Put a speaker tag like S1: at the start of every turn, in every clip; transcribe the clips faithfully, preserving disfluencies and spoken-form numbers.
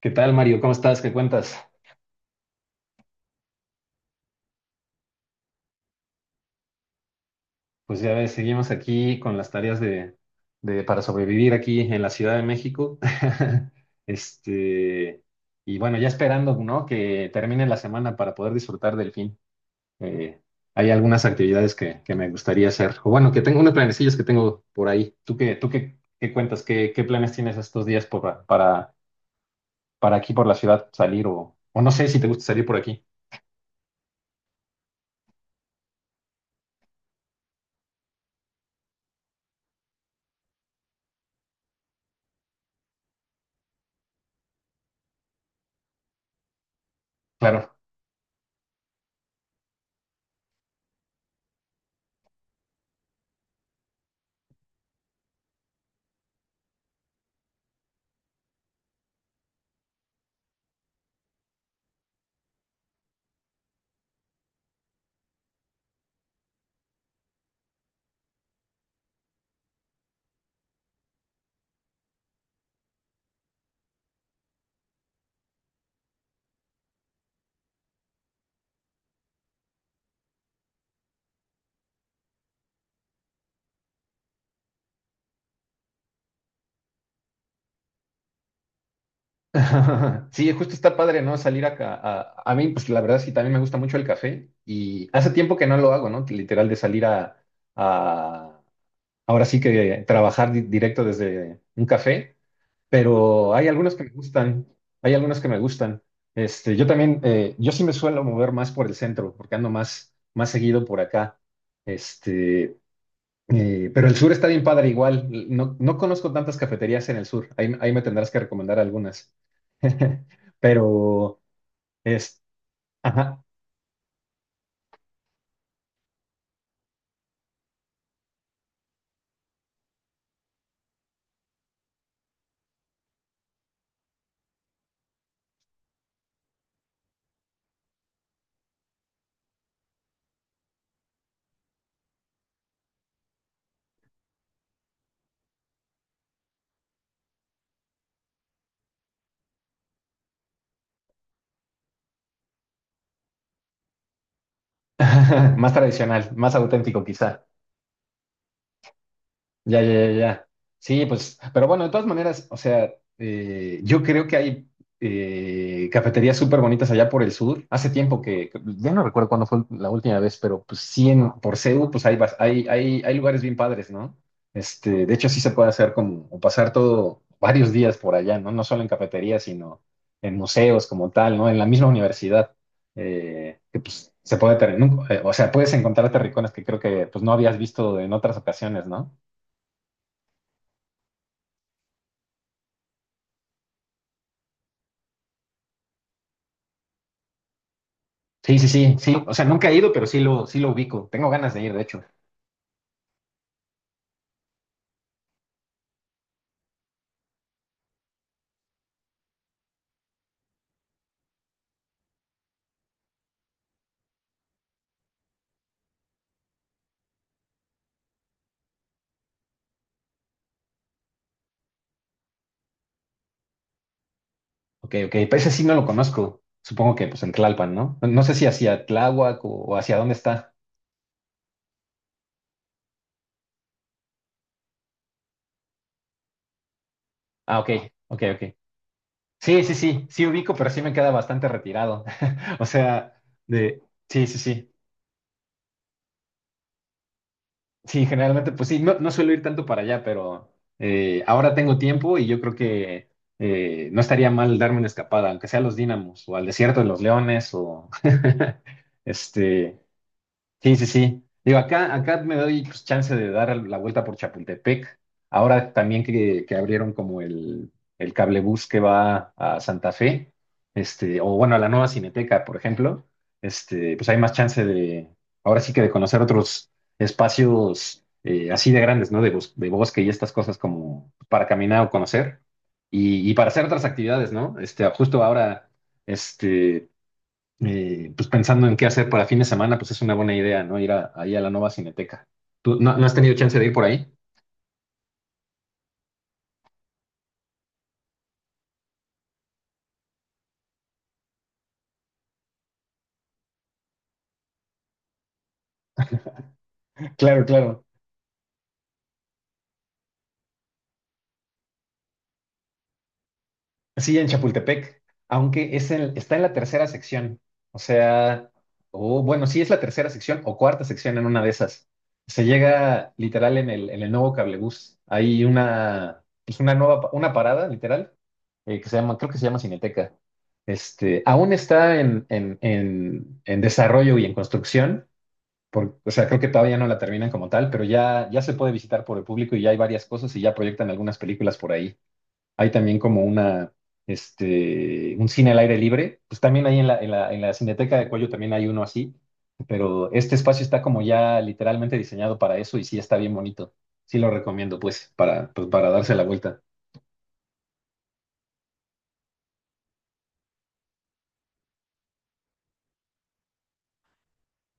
S1: ¿Qué tal, Mario? ¿Cómo estás? ¿Qué cuentas? Pues ya ves, seguimos aquí con las tareas de, de- para sobrevivir aquí en la Ciudad de México. Este, y bueno, ya esperando, ¿no? Que termine la semana para poder disfrutar del fin. Eh, Hay algunas actividades que, que me gustaría hacer. O bueno, que tengo unos planecillos que tengo por ahí. ¿Tú qué, tú qué, ¿qué cuentas? ¿Qué, qué planes tienes estos días por, para, para aquí por la ciudad salir o, o no sé si te gusta salir por aquí? Claro. Sí, justo está padre, ¿no? Salir acá. A, a mí, pues la verdad sí, también me gusta mucho el café y hace tiempo que no lo hago, ¿no? Literal de salir a, a- ahora sí que trabajar di- directo desde un café, pero hay algunos que me gustan, hay algunos que me gustan. Este, yo también, eh, yo sí me suelo mover más por el centro, porque ando más, más seguido por acá. Este, eh, pero el sur está bien padre igual. No, no conozco tantas cafeterías en el sur. Ahí, ahí me tendrás que recomendar algunas. Pero es ajá, más tradicional, más auténtico quizá. Ya, ya, ya, ya. Sí, pues, pero bueno, de todas maneras, o sea, eh, yo creo que hay eh, cafeterías súper bonitas allá por el sur. Hace tiempo que, que- ya no recuerdo cuándo fue la última vez, pero pues sí, en, por C E U, pues hay, bas- hay, hay, hay lugares bien padres, ¿no? Este, de hecho, sí se puede hacer como o pasar todo varios días por allá, ¿no? No solo en cafeterías, sino en museos como tal, ¿no? En la misma universidad, eh, que pues se puede tener, nunca- eh, o sea, puedes encontrar terricones que creo que pues no habías visto en otras ocasiones, ¿no? Sí, sí, sí, sí. O sea, nunca he ido, pero sí lo, sí lo ubico. Tengo ganas de ir, de hecho. Ok, ok. Pues ese sí no lo conozco. Supongo que pues en Tlalpan, ¿no? No, no sé si hacia Tláhuac o, o hacia dónde está. Ah, ok, ok, ok. Sí, sí, sí, sí ubico, pero sí me queda bastante retirado. O sea, de... Sí, sí, sí. Sí, generalmente, pues sí, no, no suelo ir tanto para allá, pero eh, ahora tengo tiempo y yo creo que eh, no estaría mal darme una escapada, aunque sea a los Dínamos o al Desierto de los Leones o... Este, sí, sí, sí. Digo, acá, acá me doy pues, chance de dar la vuelta por Chapultepec. Ahora también que, que abrieron como el, el cablebús que va a Santa Fe, este, o bueno, a la nueva Cineteca, por ejemplo, este, pues hay más chance de, ahora sí que de conocer otros espacios eh, así de grandes, ¿no? De, bos- de bosque y estas cosas como para caminar o conocer y, y para hacer otras actividades, ¿no? Este, justo ahora, este, eh, pues pensando en qué hacer para fin de semana, pues es una buena idea, ¿no? Ir a- ahí a la Nova Cineteca. ¿Tú no, no has tenido chance de ir por ahí? Claro, claro. Sí, en Chapultepec, aunque es en- está en la tercera sección. O sea, o bueno, sí es la tercera sección o cuarta sección en una de esas. Se llega literal en el, en el nuevo cablebús. Hay una, pues una nueva, pa- una parada, literal, eh, que se llama, creo que se llama Cineteca. Este, aún está en, en, en, en desarrollo y en construcción, por- o sea, creo que todavía no la terminan como tal, pero ya, ya se puede visitar por el público y ya hay varias cosas y ya proyectan algunas películas por ahí. Hay también como una, este, un cine al aire libre. Pues también ahí en la, en la, en la Cineteca de Cuello también hay uno así, pero este espacio está como ya literalmente diseñado para eso y sí está bien bonito. Sí lo recomiendo, pues, para, pues, para darse la vuelta.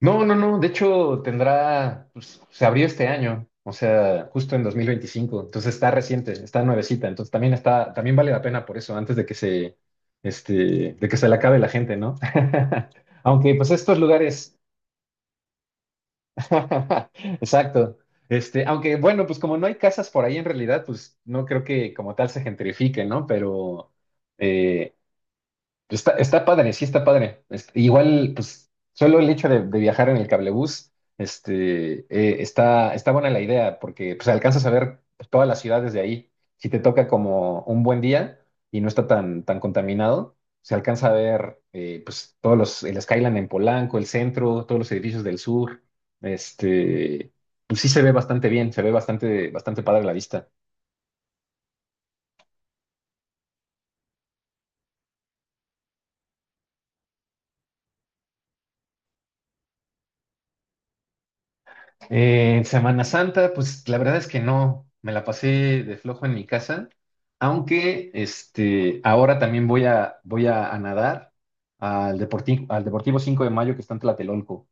S1: No, no, no. De hecho, tendrá, pues, se abrió este año, o sea, justo en dos mil veinticinco. Entonces está reciente, está nuevecita. Entonces también está, también vale la pena por eso, antes de que se, este, de que se le acabe la gente, ¿no? Aunque, pues estos lugares, exacto. Este, aunque, bueno, pues como no hay casas por ahí en realidad, pues no creo que como tal se gentrifique, ¿no? Pero, eh, está, está padre, sí está padre. Este, igual, pues, solo el hecho de, de viajar en el cablebús, este, eh, está, está buena la idea, porque pues alcanzas a ver pues, todas las ciudades de ahí. Si te toca como un buen día y no está tan, tan contaminado, se alcanza a ver eh, pues todos los, el Skyline en Polanco, el centro, todos los edificios del sur. Este, pues sí se ve bastante bien, se ve bastante, bastante padre la vista. Eh, Semana Santa, pues la verdad es que no, me la pasé de flojo en mi casa, aunque este, ahora también voy a, voy a, a nadar al Deportivo, al Deportivo cinco de Mayo que está en Tlatelolco.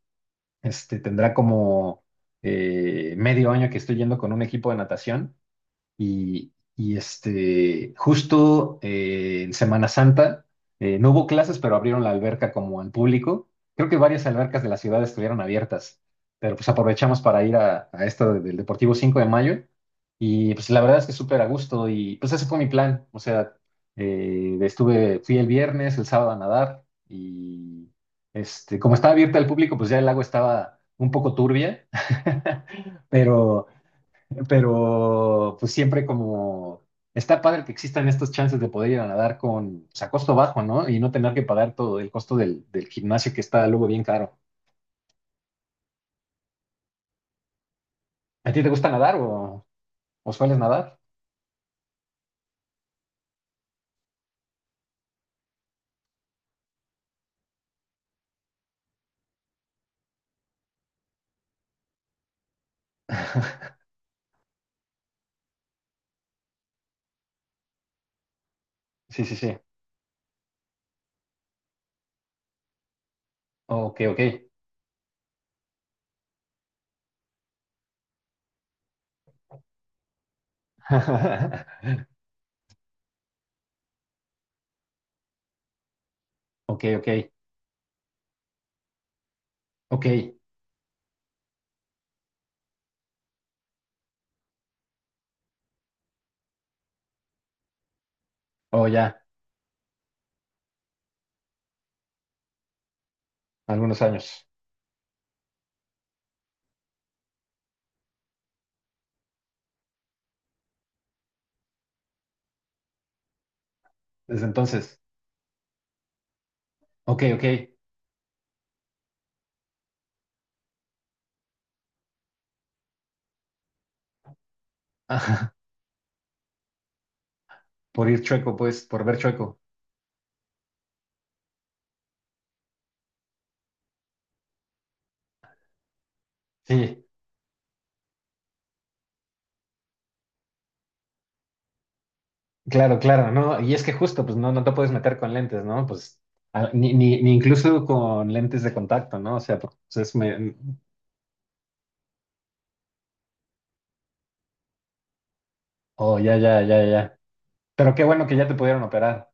S1: Este, tendrá como eh, medio año que estoy yendo con un equipo de natación y, y, este, justo eh, en Semana Santa, eh, no hubo clases, pero abrieron la alberca como al público. Creo que varias albercas de la ciudad estuvieron abiertas, pero pues aprovechamos para ir a, a esta de- del Deportivo cinco de Mayo. Y pues la verdad es que súper a gusto y pues ese fue mi plan. O sea, eh, estuve, fui el viernes, el sábado a nadar y este, como estaba abierta al público, pues ya el lago estaba un poco turbia, pero pero pues siempre como está padre que existan estos chances de poder ir a nadar con, pues, a costo bajo, ¿no? Y no tener que pagar todo el costo del, del gimnasio que está luego bien caro. ¿A ti te gusta nadar o, o sueles nadar? Sí, sí, sí. Ok, ok. Ok, ok, ok. Oh, ya, algunos años. Desde entonces. Ok, ok. Por ir chueco, pues, por ver chueco. Sí. Claro, claro, ¿no? Y es que justo, pues no, no te puedes meter con lentes, ¿no? Pues a- ni, ni, ni incluso con lentes de contacto, ¿no? O sea, pues es... Me... Oh, ya, ya, ya, ya. Pero qué bueno que ya te pudieron operar,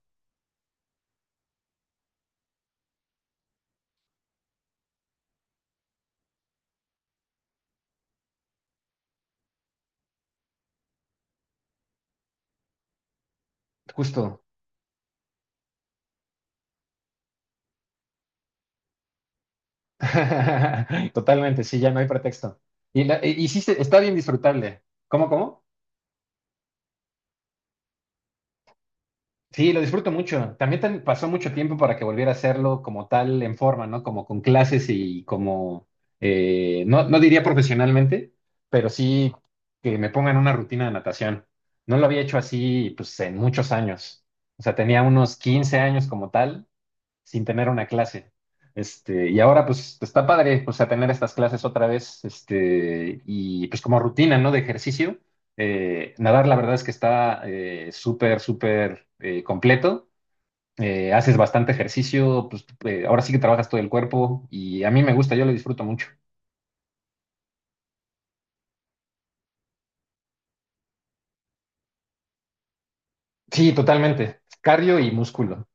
S1: justo. Totalmente, sí, ya no hay pretexto. Y, la- y- y sí, se- está bien disfrutable. ¿Cómo, cómo? Sí, lo disfruto mucho. También tan- pasó mucho tiempo para que volviera a hacerlo como tal en forma, ¿no? Como con clases y como, eh, no, no diría profesionalmente, pero sí que me pongan una rutina de natación. No lo había hecho así, pues, en muchos años. O sea, tenía unos quince años como tal sin tener una clase. Este, y ahora pues está padre, pues a tener estas clases otra vez, este, y pues como rutina, ¿no? De ejercicio. Eh, nadar la verdad es que está eh, súper, súper eh, completo. Eh, haces bastante ejercicio, pues eh, ahora sí que trabajas todo el cuerpo y a mí me gusta, yo lo disfruto mucho. Sí, totalmente. Cardio y músculo.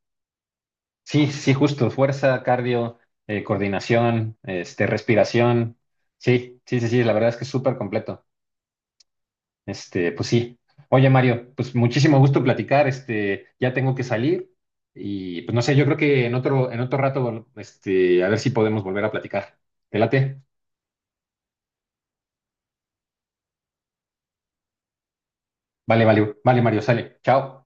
S1: Sí, sí, justo. Fuerza, cardio, eh, coordinación, este, respiración. Sí, sí, sí, sí, la verdad es que es súper completo. Este, pues sí. Oye, Mario, pues muchísimo gusto platicar. Este, ya tengo que salir y pues no sé, yo creo que en otro, en otro rato, este, a ver si podemos volver a platicar. ¿Te late? Vale, vale, vale, Mario, sale. Chao.